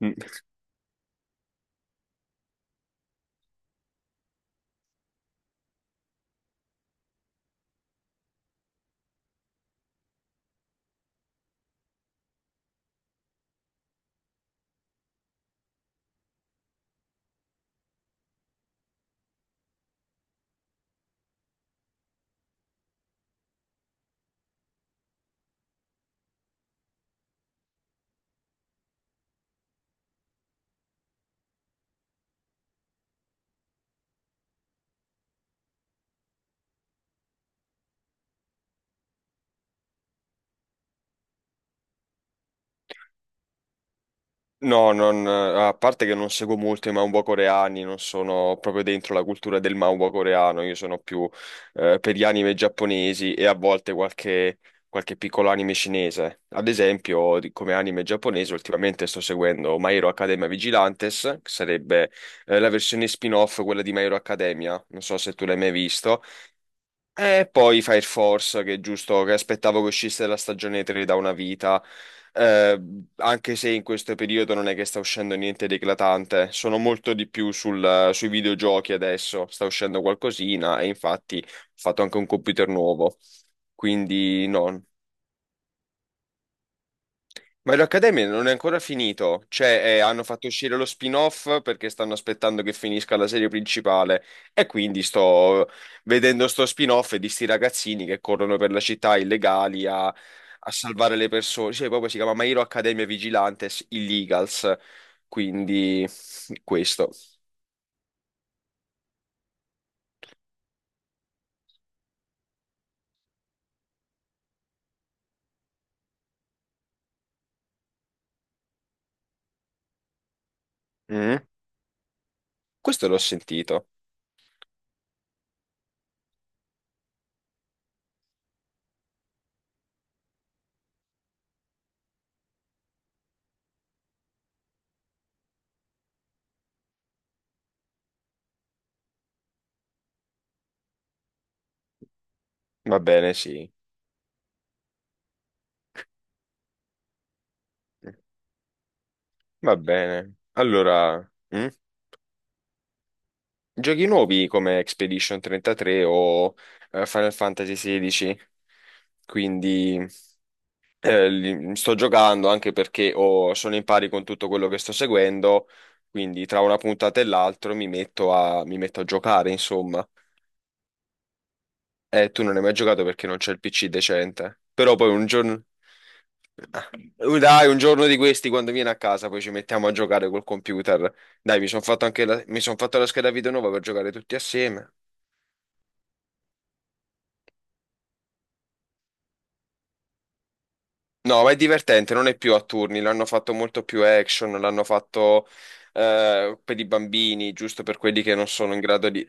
Mm. No, a parte che non seguo molto i manhwa coreani, non sono proprio dentro la cultura del manhwa coreano, io sono più per gli anime giapponesi e a volte qualche piccolo anime cinese. Ad esempio, come anime giapponese, ultimamente sto seguendo My Hero Academia Vigilantes, che sarebbe la versione spin-off, quella di My Hero Academia, non so se tu l'hai mai visto. E poi Fire Force, che è giusto, che aspettavo che uscisse la stagione 3 da una vita. Eh, anche se in questo periodo non è che sta uscendo niente di eclatante, sono molto di più sui videogiochi adesso, sta uscendo qualcosina e infatti ho fatto anche un computer nuovo, quindi no. Ma l'Accademia non è ancora finito, cioè hanno fatto uscire lo spin-off perché stanno aspettando che finisca la serie principale e quindi sto vedendo sto spin-off di sti ragazzini che corrono per la città illegali a salvare le persone, cioè proprio si chiama My Hero Academia Vigilantes Illegals, quindi questo. Mm? Questo l'ho sentito, va bene, sì, va bene. Allora... mm? Giochi nuovi come Expedition 33 o Final Fantasy XVI, quindi sto giocando anche perché sono in pari con tutto quello che sto seguendo, quindi tra una puntata e l'altra mi metto a giocare, insomma. E tu non hai mai giocato perché non c'è il PC decente, però poi un giorno... Dai, un giorno di questi, quando vieni a casa, poi ci mettiamo a giocare col computer. Dai, mi son fatto la scheda video nuova per giocare tutti assieme. No, ma è divertente, non è più a turni, l'hanno fatto molto più action, l'hanno fatto per i bambini, giusto per quelli che non sono in grado di...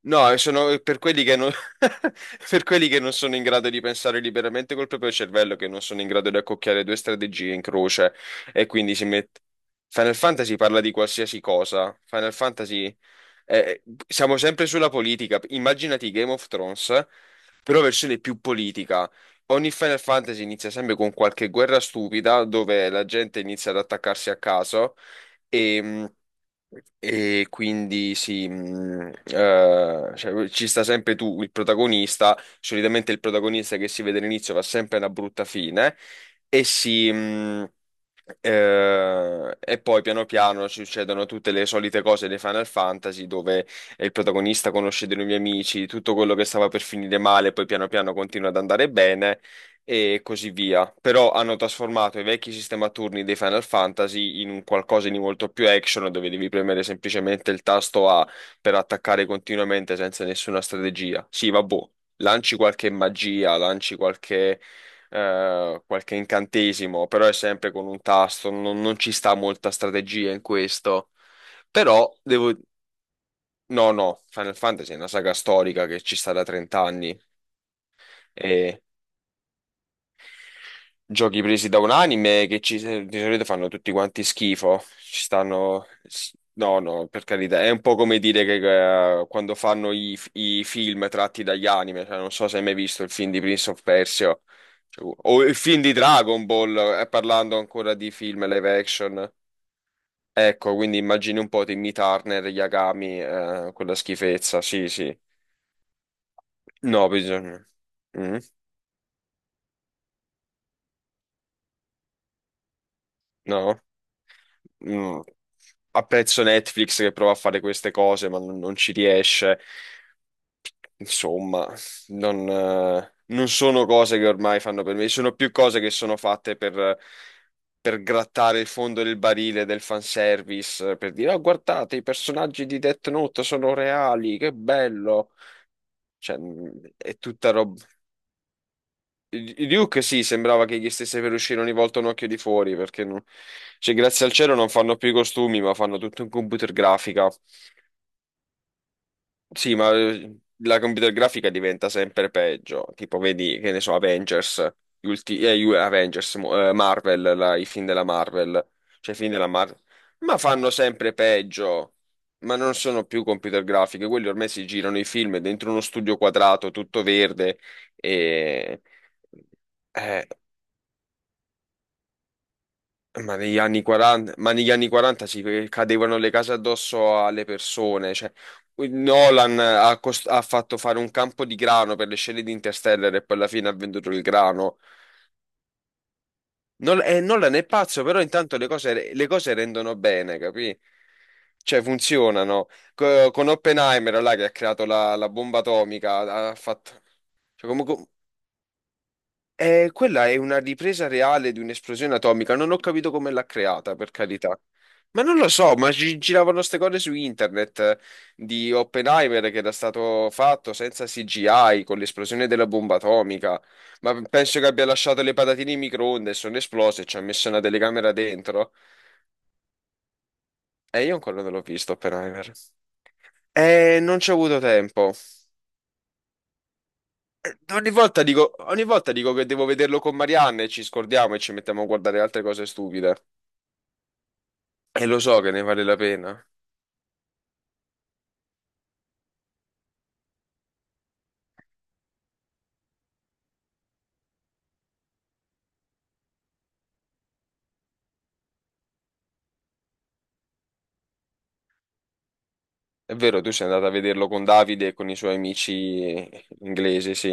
No, sono per quelli che non... per quelli che non sono in grado di pensare liberamente col proprio cervello, che non sono in grado di accocchiare due strategie in croce e quindi si mette... Final Fantasy parla di qualsiasi cosa, Final Fantasy... eh, siamo sempre sulla politica, immaginati Game of Thrones, però versione più politica. Ogni Final Fantasy inizia sempre con qualche guerra stupida dove la gente inizia ad attaccarsi a caso e, mh, e quindi sì, cioè, ci sta sempre tu, il protagonista. Solitamente il protagonista che si vede all'inizio va sempre a una brutta fine e e poi piano piano ci succedono tutte le solite cose dei Final Fantasy dove il protagonista conosce dei nuovi amici, tutto quello che stava per finire male, poi piano piano continua ad andare bene e così via. Però hanno trasformato i vecchi sistema a turni dei Final Fantasy in un qualcosa di molto più action, dove devi premere semplicemente il tasto A per attaccare continuamente senza nessuna strategia. Sì, vabbè, lanci qualche magia, lanci qualche qualche incantesimo, però è sempre con un tasto, non ci sta molta strategia in questo. Però devo. No, no, Final Fantasy è una saga storica che ci sta da 30 anni e giochi presi da un anime di solito fanno tutti quanti schifo. Ci stanno... No, no, per carità, è un po' come dire che quando fanno i film tratti dagli anime, cioè, non so se hai mai visto il film di Prince of Persia, cioè, o il film di Dragon Ball, parlando ancora di film live action. Ecco, quindi immagini un po' Timmy Turner, Yagami, quella schifezza, sì, sì. No, bisogna... Mm. No? Mm. Apprezzo Netflix che prova a fare queste cose, ma non ci riesce. Insomma, non sono cose che ormai fanno per me, sono più cose che sono fatte per grattare il fondo del barile del fanservice, per dire, oh, guardate, i personaggi di Death Note sono reali, che bello. Cioè, mm, è tutta roba. Duke sì, sembrava che gli stesse per uscire ogni volta un occhio di fuori, perché non- cioè, grazie al cielo non fanno più i costumi, ma fanno tutto in computer grafica. Sì, ma la computer grafica diventa sempre peggio. Tipo, vedi, che ne so, Avengers, Avengers, Marvel, i film della Marvel, cioè i film della Marvel, ma fanno sempre peggio. Ma non sono più computer grafiche, quelli ormai si girano i film dentro uno studio quadrato, tutto verde, e... Eh, Ma negli anni 40, ma negli anni 40 ci cadevano le case addosso alle persone. Cioè, Nolan ha, ha fatto fare un campo di grano per le scene di Interstellar e poi alla fine ha venduto il grano. Nolan è pazzo, però intanto le cose rendono bene, capì? Cioè, funzionano. Co- con Oppenheimer, là, che ha creato la bomba atomica, ha fatto... cioè, comunque. Quella è una ripresa reale di un'esplosione atomica. Non ho capito come l'ha creata, per carità. Ma non lo so, ma giravano ste cose su internet di Oppenheimer che era stato fatto senza CGI con l'esplosione della bomba atomica. Ma penso che abbia lasciato le patatine in microonde e sono esplose e ci ha messo una telecamera dentro. E io ancora non l'ho visto, Oppenheimer. Non ci ho avuto tempo. Ogni volta dico che devo vederlo con Marianne e ci scordiamo e ci mettiamo a guardare altre cose stupide. E lo so che ne vale la pena. È vero, tu sei andata a vederlo con Davide e con i suoi amici inglesi, sì.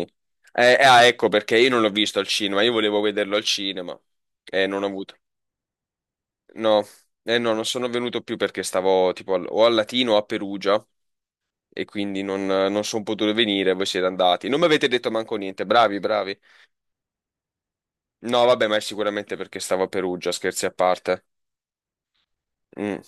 Ecco perché io non l'ho visto al cinema, io volevo vederlo al cinema e non ho avuto. No, no, non sono venuto più perché stavo tipo o a Latino o a Perugia e quindi non sono potuto venire, voi siete andati. Non mi avete detto manco niente, bravi, bravi. No, vabbè, ma è sicuramente perché stavo a Perugia, scherzi a parte. Mm,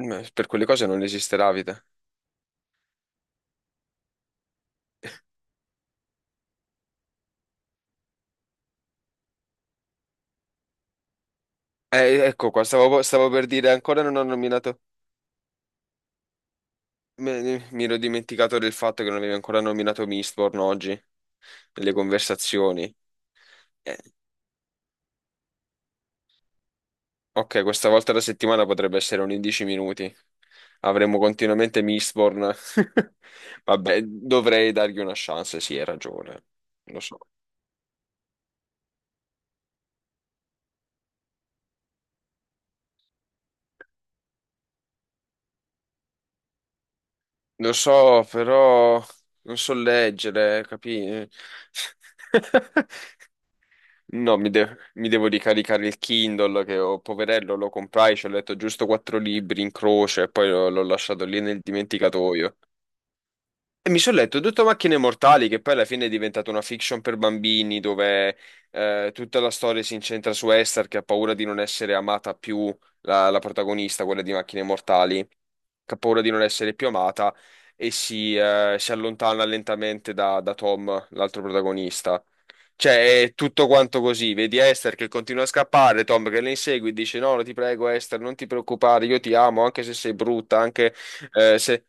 Per quelle cose non esisterà vita. Ecco qua, stavo per dire, ancora non ho nominato. Mi ero dimenticato del fatto che non avevi ancora nominato Mistborn oggi, nelle conversazioni. Eh, ok, questa volta la settimana potrebbe essere un 11 minuti. Avremo continuamente Mistborn. Vabbè, dovrei dargli una chance, sì, hai ragione. Lo so. Lo so, però non so leggere, capi? No, mi devo ricaricare il Kindle che ho, poverello, lo comprai, ci ho letto giusto quattro libri in croce e poi l'ho lasciato lì nel dimenticatoio. E mi sono letto tutto Macchine Mortali, che poi alla fine è diventata una fiction per bambini, dove tutta la storia si incentra su Esther, che ha paura di non essere amata più, la protagonista, quella di Macchine Mortali, che ha paura di non essere più amata e si allontana lentamente da Tom, l'altro protagonista. Cioè, è tutto quanto così. Vedi Esther che continua a scappare, Tom che le insegue e dice: No, ti prego, Esther, non ti preoccupare, io ti amo, anche se sei brutta, anche se.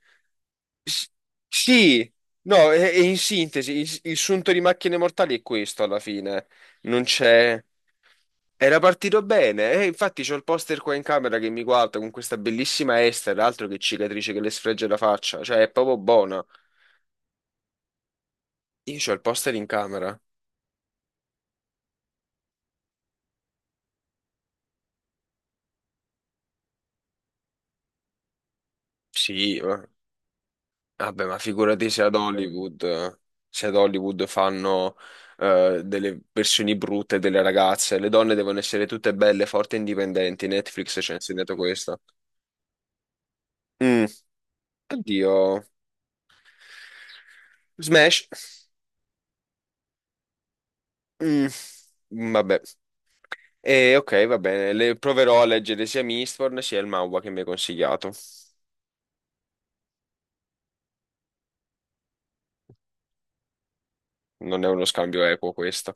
S- Sì, no, e in sintesi, il sunto di Macchine Mortali è questo alla fine. Non c'è. Era partito bene, infatti c'ho il poster qua in camera che mi guarda con questa bellissima Esther, altro che cicatrice che le sfregge la faccia, cioè è proprio buona. Io c'ho il poster in camera. Sì, va- vabbè, ma figurati se ad Hollywood, se ad Hollywood fanno delle versioni brutte delle ragazze, le donne devono essere tutte belle, forti e indipendenti. Netflix ci ha insegnato questo. Mm, oddio. Smash. Mm, vabbè. E ok, va bene. Le proverò a leggere sia Mistborn sia il manhwa che mi hai consigliato. Non è uno scambio equo questo.